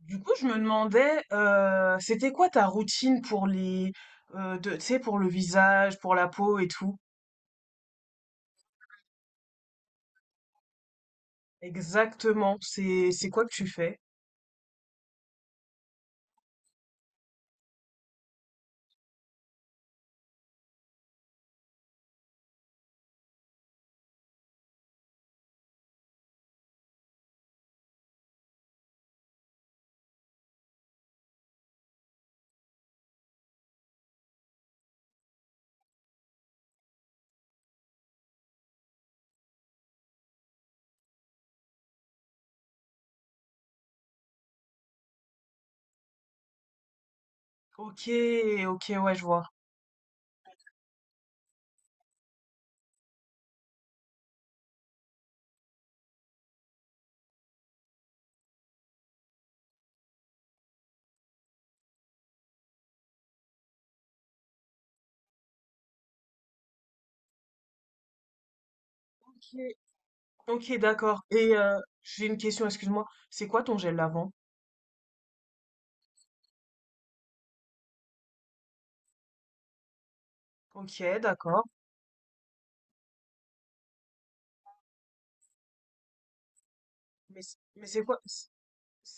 Du coup, je me demandais, c'était quoi ta routine pour les, tu sais, pour le visage, pour la peau et tout? Exactement, c'est quoi que tu fais? Ok, ok, ouais, je vois. Ok, ok, d'accord. Et j'ai une question, excuse-moi. C'est quoi ton gel lavant? Ok, d'accord. Mais, mais c'est quoi?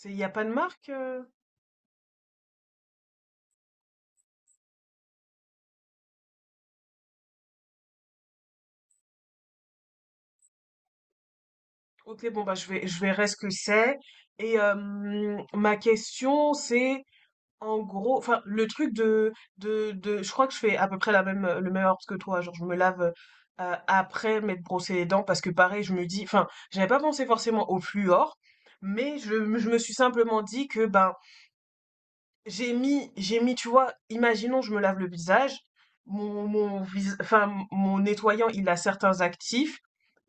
Il n'y a pas de marque? Ok, bon, bah, je vais, je verrai ce que c'est. Et ma question, c'est en gros, enfin, le truc je crois que je fais à peu près la même, le même ordre que toi. Genre, je me lave après m'être brossé les dents parce que pareil, je me dis, enfin, j'avais pas pensé forcément au fluor, mais je me suis simplement dit que, ben, j'ai mis, tu vois, imaginons je me lave le visage, mon mon vis enfin mon nettoyant, il a certains actifs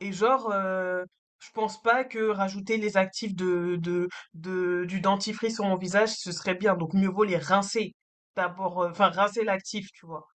et genre, je pense pas que rajouter les actifs de du dentifrice sur mon visage, ce serait bien, donc mieux vaut les rincer. D'abord, enfin rincer l'actif, tu vois?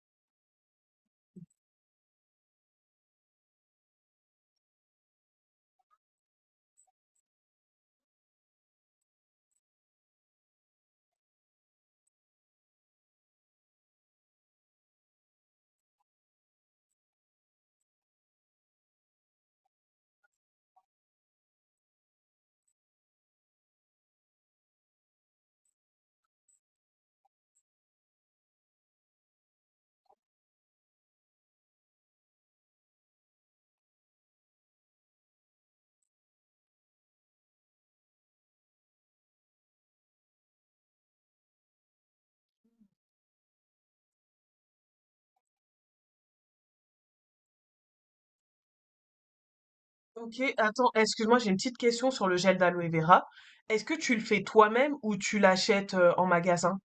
OK, attends, excuse-moi, j'ai une petite question sur le gel d'aloe vera. Est-ce que tu le fais toi-même ou tu l'achètes, en magasin?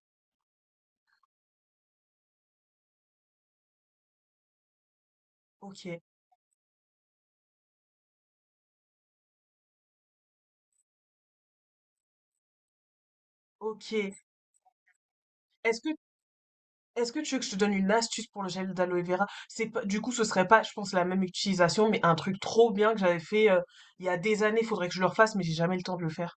OK, OK. Est-ce que Est-ce que tu veux que je te donne une astuce pour le gel d'aloe vera? C'est pas, du coup, ce serait pas, je pense, la même utilisation, mais un truc trop bien que j'avais fait il y a des années. Faudrait que je le refasse, mais j'ai jamais le temps de le faire.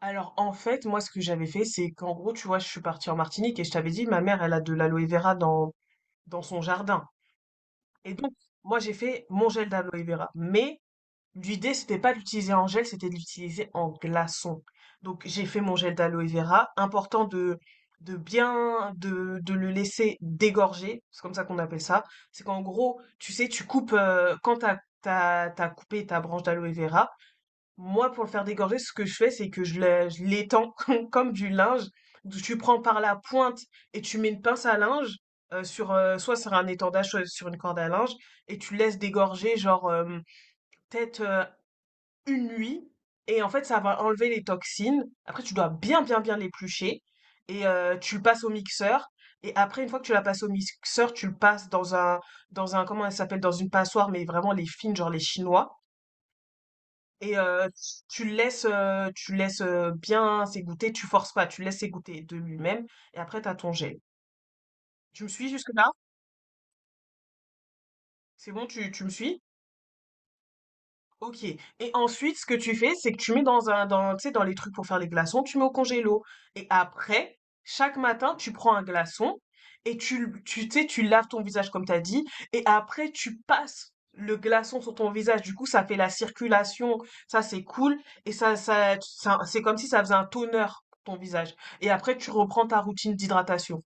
Alors, en fait, moi, ce que j'avais fait, c'est qu'en gros, tu vois, je suis partie en Martinique et je t'avais dit, ma mère, elle a de l'aloe vera dans, dans son jardin. Et donc, moi, j'ai fait mon gel d'aloe vera. Mais l'idée, c'était pas d'utiliser en gel, c'était de l'utiliser en glaçon. Donc j'ai fait mon gel d'aloe vera. Important de bien de le laisser dégorger, c'est comme ça qu'on appelle ça. C'est qu'en gros, tu sais, tu coupes quand t'as coupé ta branche d'aloe vera. Moi, pour le faire dégorger, ce que je fais, c'est que je l'étends comme du linge. Tu prends par la pointe et tu mets une pince à linge sur soit sur un étendage, soit sur une corde à linge et tu laisses dégorger genre peut-être une nuit et en fait, ça va enlever les toxines. Après, tu dois bien, bien, bien l'éplucher et tu le passes au mixeur et après, une fois que tu la passes au mixeur, tu le passes dans un comment elle s'appelle? Dans une passoire, mais vraiment les fines, genre les chinois et tu le laisses, bien s'égoutter, tu forces pas, tu le laisses s'égoutter de lui-même et après t'as ton gel. Tu me suis jusque-là? C'est bon, tu me suis? Ok. Et ensuite, ce que tu fais, c'est que tu mets dans un, dans, tu sais, dans les trucs pour faire les glaçons, tu mets au congélo. Et après, chaque matin, tu prends un glaçon et tu sais, tu laves ton visage comme t'as dit. Et après, tu passes le glaçon sur ton visage. Du coup, ça fait la circulation. Ça, c'est cool. Et c'est comme si ça faisait un toner pour ton visage. Et après, tu reprends ta routine d'hydratation.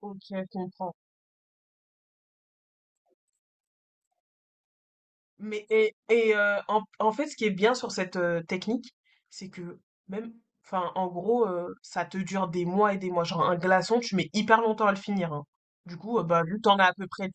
Ok, je comprends. Mais en fait, ce qui est bien sur cette, technique, c'est que même enfin, en gros, ça te dure des mois et des mois. Genre un glaçon, tu mets hyper longtemps à le finir, hein. Du coup, bah, vu que tu as à peu près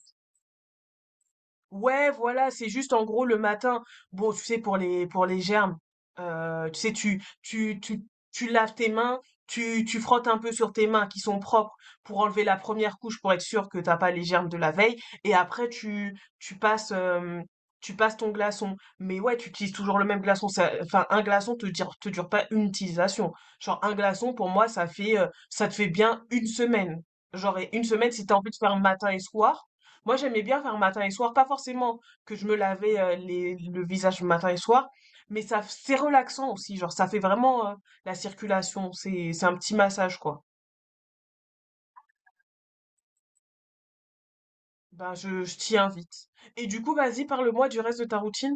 Ouais, voilà, c'est juste en gros le matin. Bon, tu sais, pour les germes, tu sais, tu laves tes mains, tu frottes un peu sur tes mains qui sont propres pour enlever la première couche pour être sûr que t'as pas les germes de la veille. Et après, tu passes ton glaçon. Mais ouais, tu utilises toujours le même glaçon. Ça- enfin, un glaçon te dure pas une utilisation. Genre un glaçon pour moi, ça fait ça te fait bien une semaine. Genre et une semaine si t'as envie de faire matin et soir. Moi, j'aimais bien faire matin et soir, pas forcément que je me lavais le visage matin et soir, mais ça, c'est relaxant aussi, genre ça fait vraiment la circulation, c'est un petit massage quoi. Ben, je t'y invite. Et du coup, vas-y, parle-moi du reste de ta routine.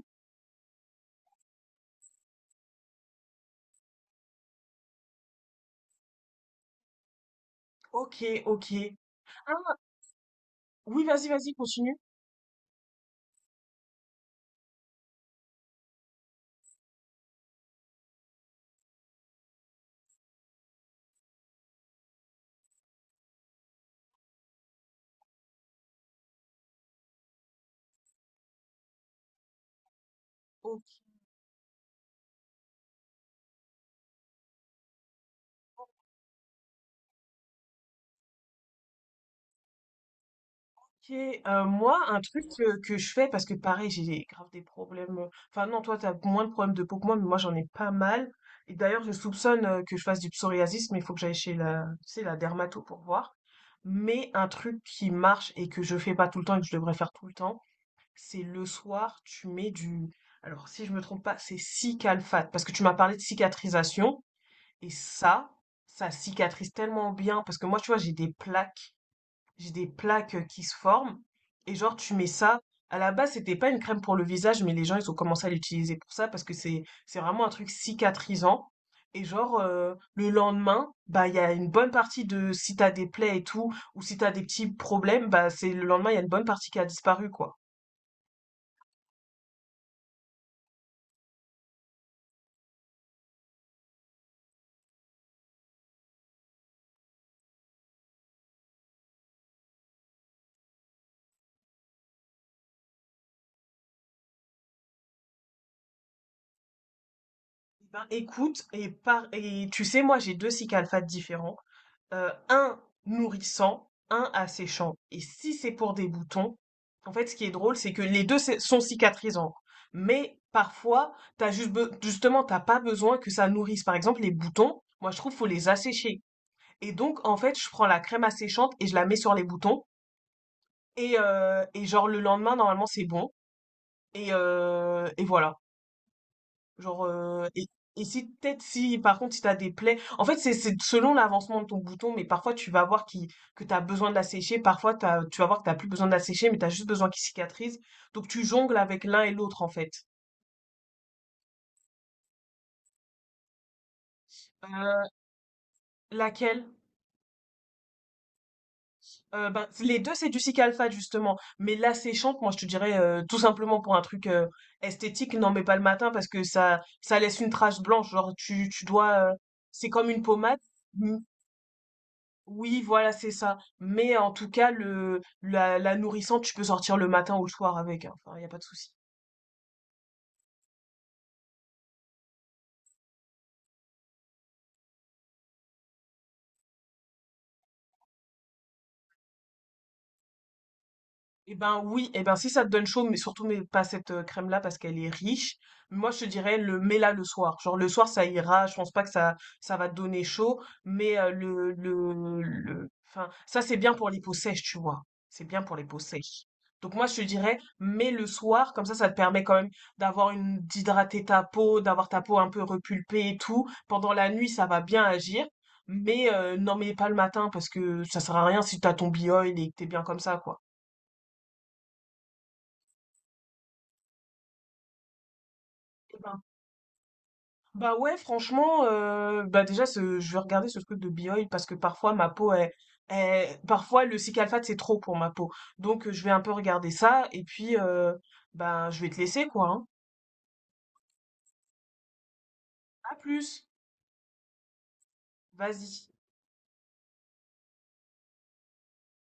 Ok, ok. Ah, oui, vas-y, continue. OK, moi, un truc, que je fais parce que pareil, grave des problèmes, enfin non, toi, t'as moins de problèmes de peau que moi, mais moi, j'en ai pas mal et d'ailleurs, je soupçonne, que je fasse du psoriasis, mais il faut que j'aille chez la tu sais, la dermato pour voir. Mais un truc qui marche et que je fais pas tout le temps et que je devrais faire tout le temps, c'est le soir, tu mets du alors si je me trompe pas, c'est Cicalfate, parce que tu m'as parlé de cicatrisation et ça cicatrise tellement bien parce que moi, tu vois, j'ai des plaques qui se forment. Et genre, tu mets ça. À la base, c'était pas une crème pour le visage, mais les gens, ils ont commencé à l'utiliser pour ça parce que c'est vraiment un truc cicatrisant. Et genre, le lendemain, bah, il y a une bonne partie de si t'as des plaies et tout, ou si t'as des petits problèmes, bah, c'est le lendemain, il y a une bonne partie qui a disparu, quoi. Eh ben, écoute, et tu sais, moi j'ai deux cycles différents. Un nourrissant, un asséchant. Et si c'est pour des boutons, en fait ce qui est drôle, c'est que les deux sont cicatrisants. Mais parfois, justement, t'as pas besoin que ça nourrisse. Par exemple, les boutons, moi je trouve faut les assécher. Et donc, en fait, je prends la crème asséchante et je la mets sur les boutons. Et genre le lendemain, normalement, c'est bon. Et voilà. Genre, euh, et, et si peut-être si par contre si t'as des plaies, en fait c'est selon l'avancement de ton bouton, mais parfois tu vas voir qui que t'as besoin de la sécher, parfois tu vas voir que t'as plus besoin de la sécher, mais t'as juste besoin qu'il cicatrise. Donc tu jongles avec l'un et l'autre en fait. Euh, Laquelle? Ben, les deux c'est du cic justement, mais la séchante, moi je te dirais tout simplement pour un truc esthétique, n'en mets pas le matin parce que ça laisse une trace blanche. Genre tu dois, c'est comme une pommade. Oui, voilà, c'est ça. Mais en tout cas, la nourrissante, tu peux sortir le matin ou le soir avec, hein. Enfin, il n'y a pas de souci. Eh ben oui, eh ben si ça te donne chaud, mais pas cette crème-là parce qu'elle est riche. Moi je te dirais le mets-la le soir. Genre le soir ça ira, je pense pas que ça va te donner chaud, mais le enfin ça c'est bien pour les peaux sèches, tu vois. C'est bien pour les peaux sèches. Donc moi je te dirais mets le soir, comme ça ça te permet quand même d'hydrater ta peau, d'avoir ta peau un peu repulpée et tout. Pendant la nuit ça va bien agir, mais n'en mets pas le matin parce que ça sert à rien si t'as ton bioil et que t'es bien comme ça quoi. Bah ouais, franchement, bah déjà, je vais regarder ce truc de Bioil parce que parfois ma peau est, parfois le cycalphate c'est trop pour ma peau. Donc je vais un peu regarder ça et puis bah, je vais te laisser quoi, hein. À plus, vas-y.